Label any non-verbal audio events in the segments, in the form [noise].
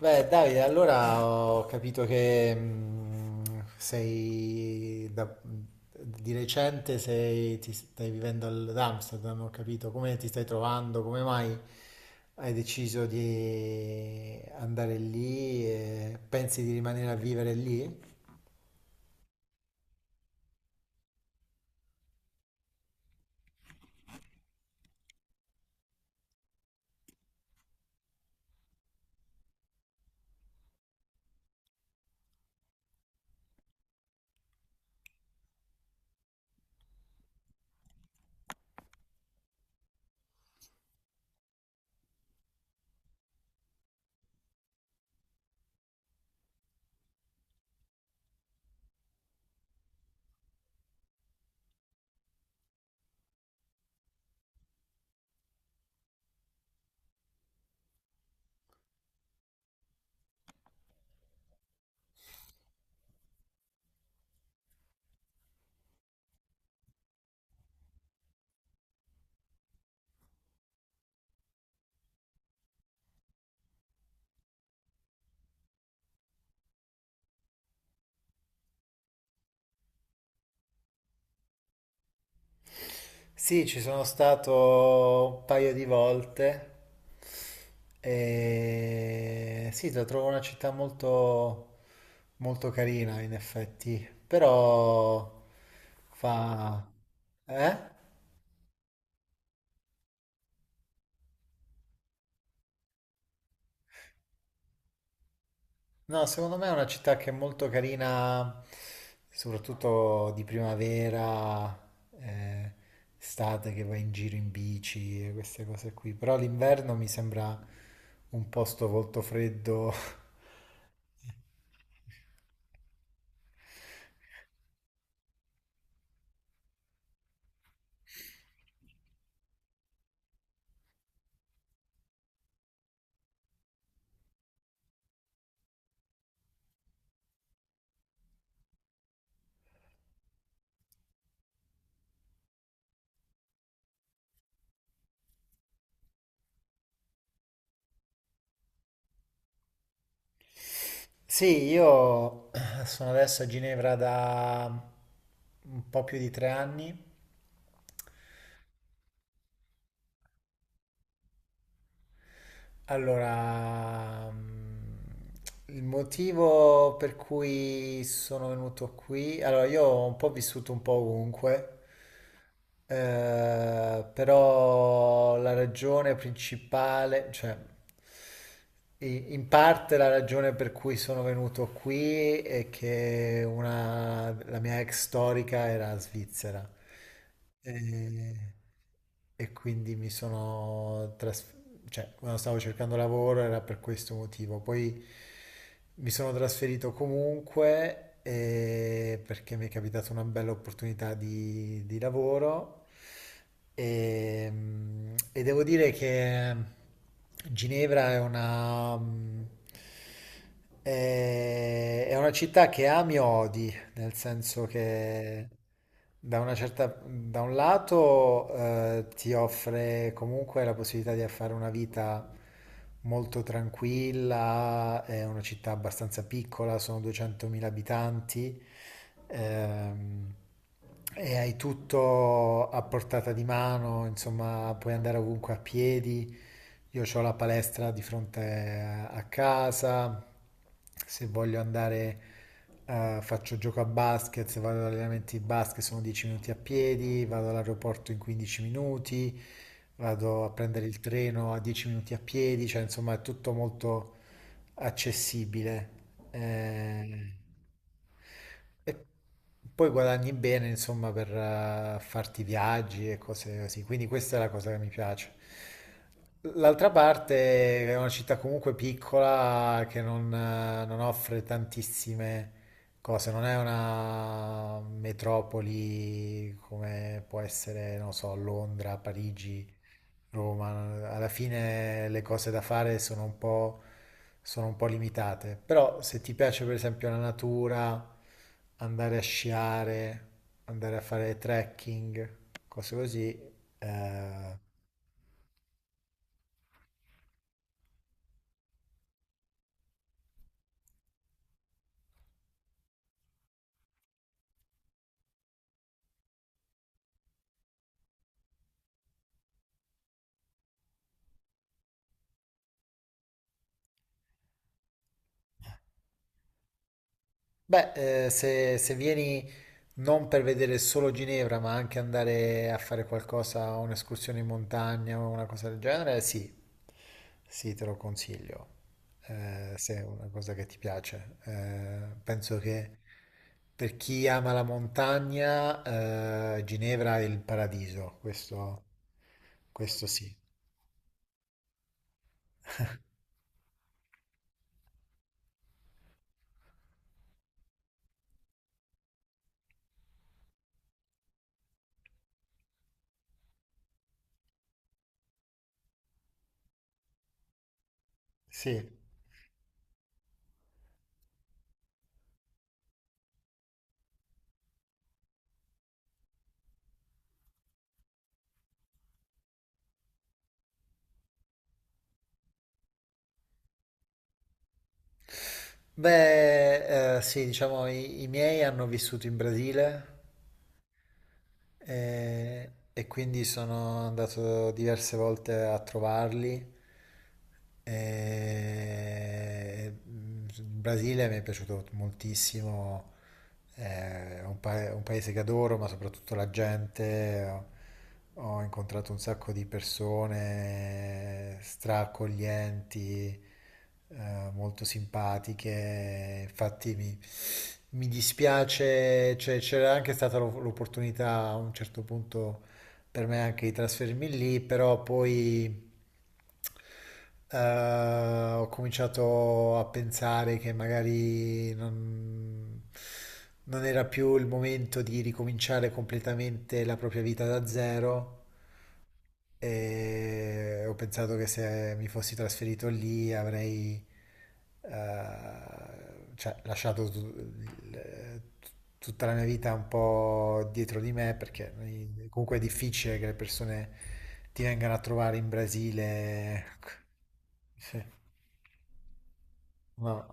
Beh, Davide, allora ho capito che di recente ti stai vivendo ad Amsterdam. Ho capito come ti stai trovando, come mai hai deciso di andare lì e pensi di rimanere a vivere lì? Sì, ci sono stato un paio di volte e sì, la trovo una città molto, molto carina in effetti, però fa... Eh? No, secondo me è una città che è molto carina, soprattutto di primavera, eh, estate che vai in giro in bici e queste cose qui, però l'inverno mi sembra un posto molto freddo. [laughs] Sì, io sono adesso a Ginevra da un po' più di 3 anni. Allora, il motivo per cui sono venuto qui, allora io ho un po' vissuto un po' ovunque, però la ragione principale, cioè in parte la ragione per cui sono venuto qui è che la mia ex storica era svizzera. E, e quindi mi sono trasferito, cioè, quando stavo cercando lavoro era per questo motivo. Poi mi sono trasferito comunque, perché mi è capitata una bella opportunità di lavoro e devo dire che Ginevra è una, mm, è una città che ami e odi, nel senso che da da un lato ti offre comunque la possibilità di fare una vita molto tranquilla, è una città abbastanza piccola, sono 200.000 abitanti, ehm, e hai tutto a portata di mano, insomma, puoi andare ovunque a piedi. Io ho la palestra di fronte a casa. Se voglio andare, faccio gioco a basket, se vado all'allenamento di basket sono 10 minuti a piedi, vado all'aeroporto in 15 minuti, vado a prendere il treno a 10 minuti a piedi, cioè insomma è tutto molto accessibile. Eh, e poi guadagni bene, insomma, per farti viaggi e cose così. Quindi questa è la cosa che mi piace. L'altra parte è una città comunque piccola che non offre tantissime cose, non è una metropoli come può essere, non so, Londra, Parigi, Roma. Alla fine le cose da fare sono un po' limitate, però se ti piace per esempio la natura, andare a sciare, andare a fare trekking, cose così, eh, Beh, se vieni non per vedere solo Ginevra, ma anche andare a fare qualcosa, un'escursione in montagna o una cosa del genere, sì, sì, te lo consiglio, se è una cosa che ti piace. Penso che per chi ama la montagna, Ginevra è il paradiso, questo sì. Sì. Beh, sì, diciamo, i miei hanno vissuto in Brasile. E quindi sono andato diverse volte a trovarli. E, il Brasile mi è piaciuto moltissimo, è un paese che adoro, ma soprattutto la gente. Ho incontrato un sacco di persone straccoglienti, molto simpatiche. Infatti mi dispiace, cioè, c'era anche stata l'opportunità a un certo punto per me anche di trasferirmi lì, però poi eh, ho cominciato a pensare che magari non era più il momento di ricominciare completamente la propria vita da zero. E ho pensato che se mi fossi trasferito lì avrei cioè, lasciato tutta la mia vita un po' dietro di me perché comunque è difficile che le persone ti vengano a trovare in Brasile. Ecco. Sì. No,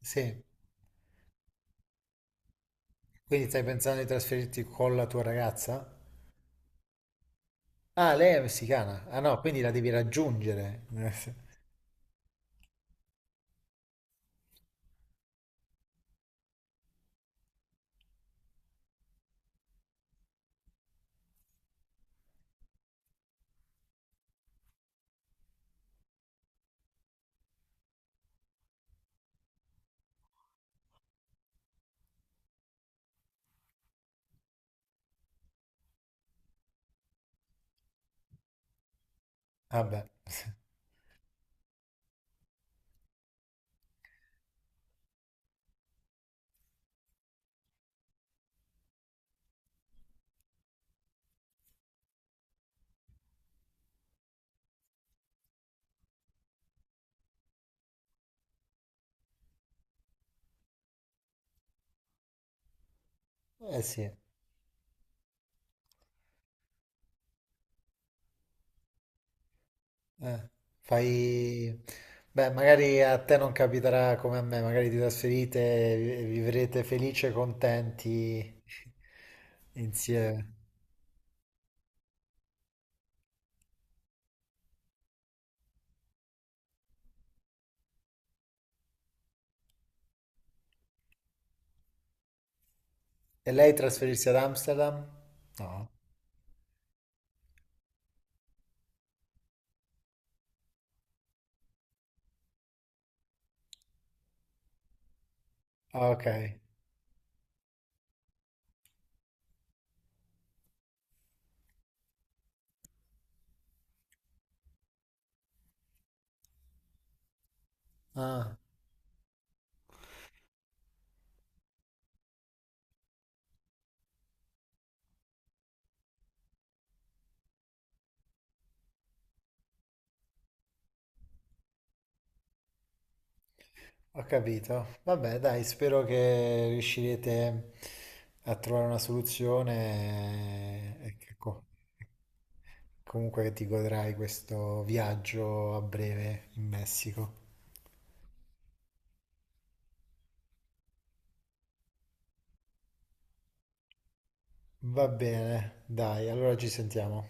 sì. Quindi stai pensando di trasferirti con la tua ragazza? Ah, lei è messicana. Ah no, quindi la devi raggiungere. [laughs] Vabbè, eh sì. Eh, fai... Beh, magari a te non capiterà come a me, magari ti trasferite e vivrete felici e contenti [laughs] insieme. E lei trasferirsi ad Amsterdam? No. Ah, ok, ah, ho capito. Vabbè, dai, spero che riuscirete a trovare una soluzione, e che comunque che ti godrai questo viaggio a breve in Messico. Va bene, dai, allora ci sentiamo.